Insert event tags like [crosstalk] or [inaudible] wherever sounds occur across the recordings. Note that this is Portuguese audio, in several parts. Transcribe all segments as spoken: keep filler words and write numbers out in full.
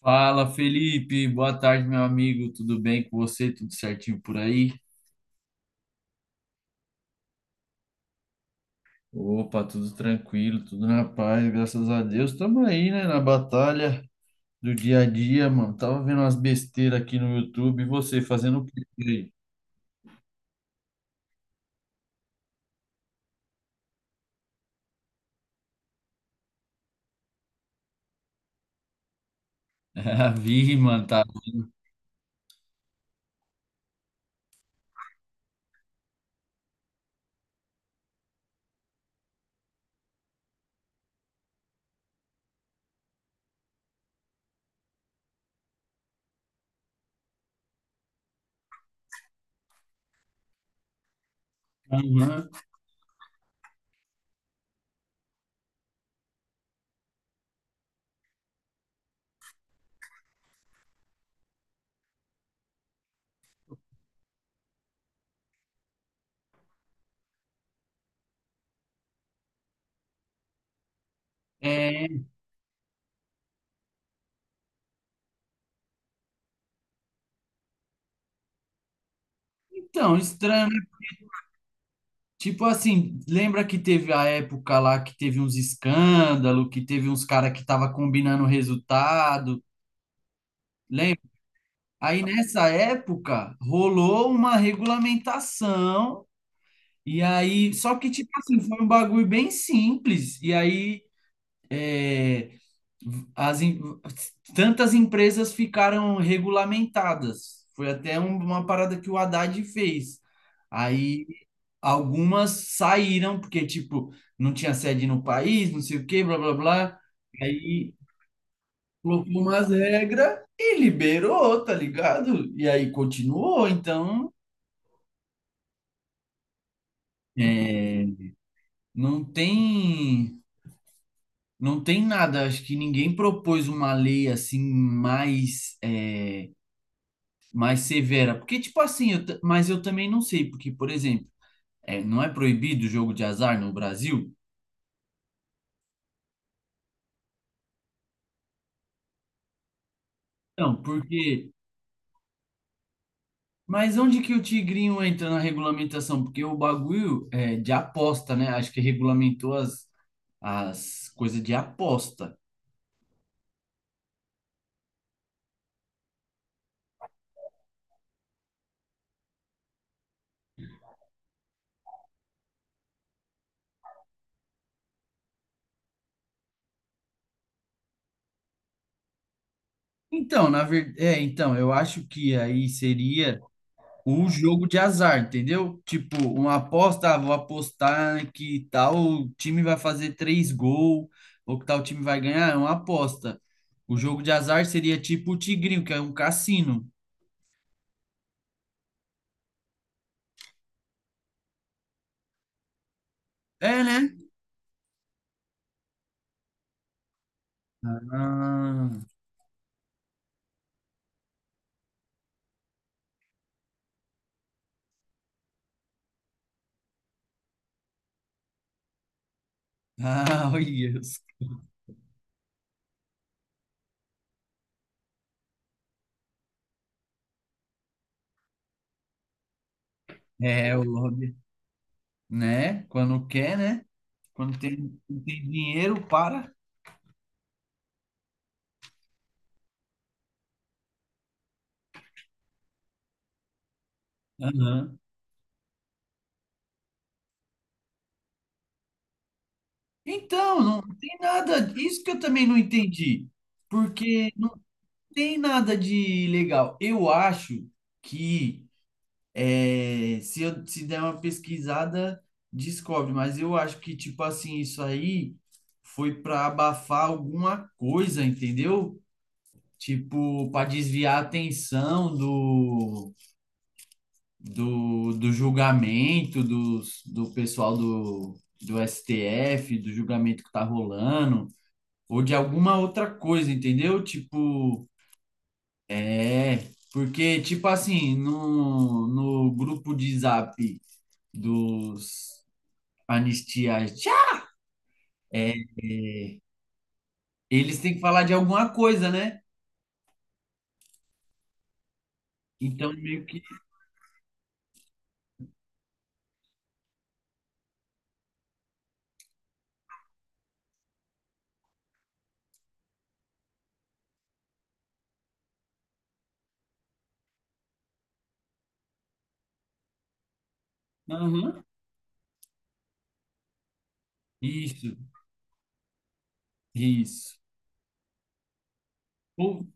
Fala, Felipe. Boa tarde, meu amigo. Tudo bem com você? Tudo certinho por aí? Opa, tudo tranquilo, tudo na paz, graças a Deus. Estamos aí, né, na batalha do dia a dia, mano. Tava vendo umas besteiras aqui no YouTube. E você, fazendo o quê por aí? [laughs] Ah, vi, mano, tá vendo? Aham. É, então, estranho, né? Tipo assim, lembra que teve a época lá que teve uns escândalos, que teve uns cara que tava combinando resultado? Aí nessa época rolou uma regulamentação e aí só que tipo assim foi um bagulho bem simples e aí é, as em- tantas empresas ficaram regulamentadas. Foi até um- uma parada que o Haddad fez. Aí algumas saíram porque tipo não tinha sede no país, não sei o quê, blá blá blá. Aí colocou umas regras e liberou, tá ligado? E aí continuou, então é, não tem, não tem nada. Acho que ninguém propôs uma lei assim mais, é, mais severa. Porque, tipo assim, eu ta- mas eu também não sei, porque, por exemplo, é, não é proibido o jogo de azar no Brasil? Não, porque. Mas onde que o tigrinho entra na regulamentação? Porque o bagulho é de aposta, né? Acho que regulamentou as, as coisas de aposta. Então, na verdade, é, então, eu acho que aí seria o jogo de azar, entendeu? Tipo, uma aposta, ah, vou apostar que tal time vai fazer três gols, ou que tal time vai ganhar, é uma aposta. O jogo de azar seria tipo o Tigrinho, que é um cassino. É, né? Ah, ah, [laughs] olha os- É, o lobby, né? Quando quer, né? Quando tem, tem dinheiro, para. Aham. Então, não tem nada. Isso que eu também não entendi. Porque tem nada de legal. Eu acho que é, se eu se der uma pesquisada, descobre, mas eu acho que, tipo assim, isso aí foi para abafar alguma coisa, entendeu? Tipo, para desviar a atenção do, do, do julgamento dos, do pessoal do, do S T F, do julgamento que tá rolando, ou de alguma outra coisa, entendeu? Tipo. É, porque, tipo assim, no, no grupo de zap dos anistias, é, eles têm que falar de alguma coisa, né? Então, meio que. Aham, isso, isso. Pô,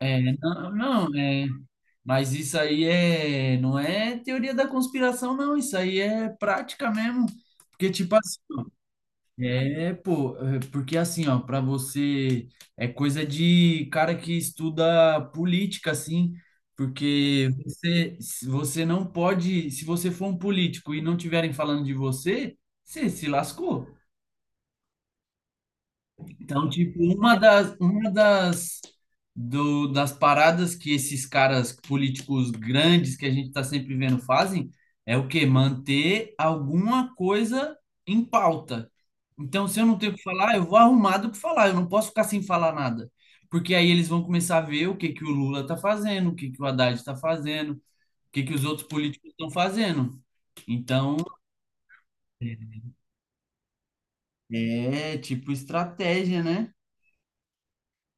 é, não, não, é. Mas isso aí é, não é teoria da conspiração, não. Isso aí é prática mesmo. Porque, tipo é, pô, é, porque assim, ó, para você é coisa de cara que estuda política, assim, porque você, se você não pode, se você for um político e não tiverem falando de você, você se lascou. Então, tipo, uma das, uma das, do, das paradas que esses caras políticos grandes que a gente está sempre vendo fazem é o quê? Manter alguma coisa em pauta. Então, se eu não tenho o que falar, eu vou arrumado para falar, eu não posso ficar sem falar nada. Porque aí eles vão começar a ver o que que o Lula tá fazendo, o que que o Haddad está fazendo, o que que os outros políticos estão fazendo. Então, é tipo estratégia, né?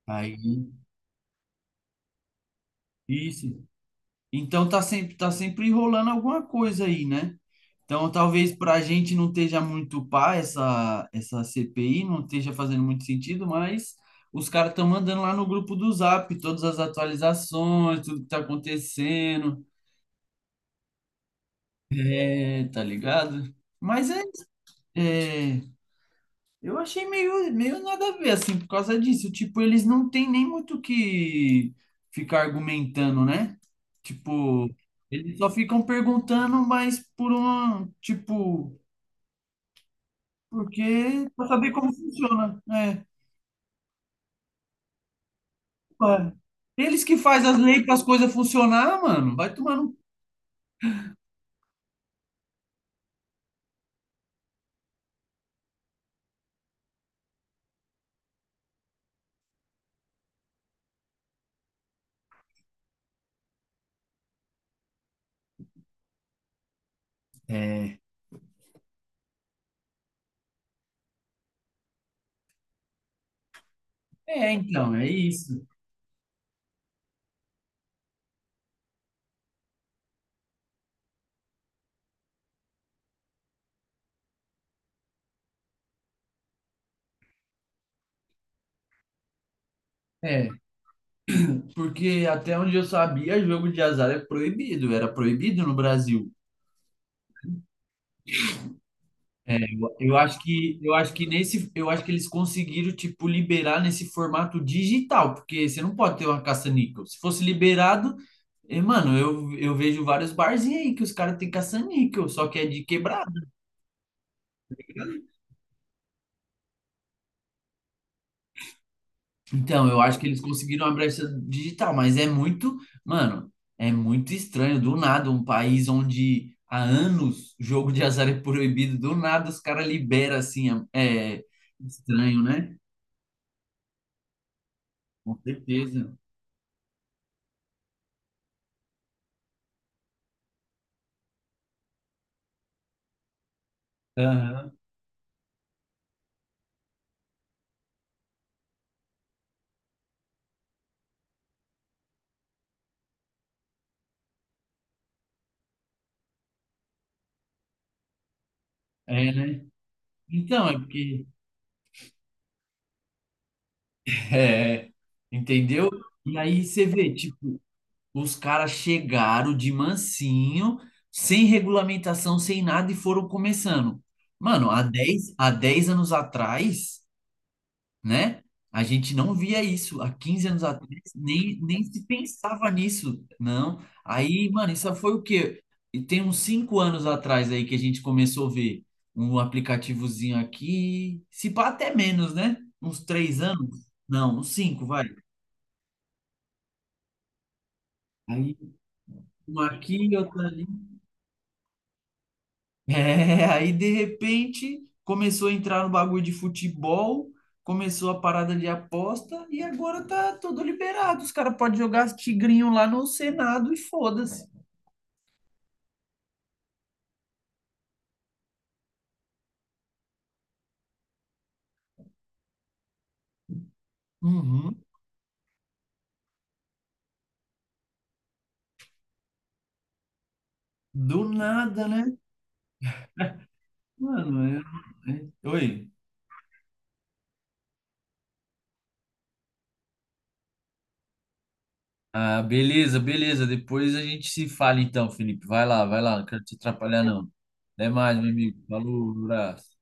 Aí, isso. Então tá sempre, tá sempre enrolando alguma coisa aí, né? Então talvez para a gente não esteja muito pá essa, essa C P I, não esteja fazendo muito sentido, mas os caras estão mandando lá no grupo do Zap todas as atualizações, tudo que tá acontecendo, é, tá ligado? Mas é, é, eu achei meio, meio nada a ver, assim, por causa disso. Tipo, eles não têm nem muito o que ficar argumentando, né? Tipo, eles só ficam perguntando, mas por uma, tipo, porque pra saber como funciona. É, pá. Eles que fazem as leis para as coisas funcionar, mano, vai tomando. É, é, então, é isso. É, porque até onde eu sabia, jogo de azar é proibido, era proibido no Brasil. É, eu eu acho que eu acho que nesse eu acho que eles conseguiram tipo liberar nesse formato digital, porque você não pode ter uma caça-níquel. Se fosse liberado, eh, mano, eu, eu vejo vários barzinhos aí que os caras têm caça-níquel, só que é de quebrado. Então, eu acho que eles conseguiram a brecha digital, mas é muito, mano, é muito estranho do nada um país onde há anos jogo de azar é proibido, do nada os caras liberam assim, é é estranho, né? Com certeza. Aham. É, né? Então, é porque. É, entendeu? E aí você vê, tipo, os caras chegaram de mansinho, sem regulamentação, sem nada, e foram começando. Mano, há dez há dez anos atrás. Né? A gente não via isso há quinze anos atrás, nem, nem se pensava nisso, não. Aí, mano, isso foi o quê? E tem uns cinco anos atrás aí que a gente começou a ver um aplicativozinho aqui, se pá até menos, né? Uns três anos? Não, uns cinco vai. Aí, um aqui, outro é, [laughs] aí de repente começou a entrar no bagulho de futebol, começou a parada de aposta e agora tá tudo liberado. Os caras podem jogar tigrinho lá no Senado e foda-se. Uhum. Do nada, né? Mano, é- é- Oi. Ah, beleza, beleza. Depois a gente se fala então, Felipe. Vai lá, vai lá. Não quero te atrapalhar, não. Até mais, meu amigo. Falou, abraço.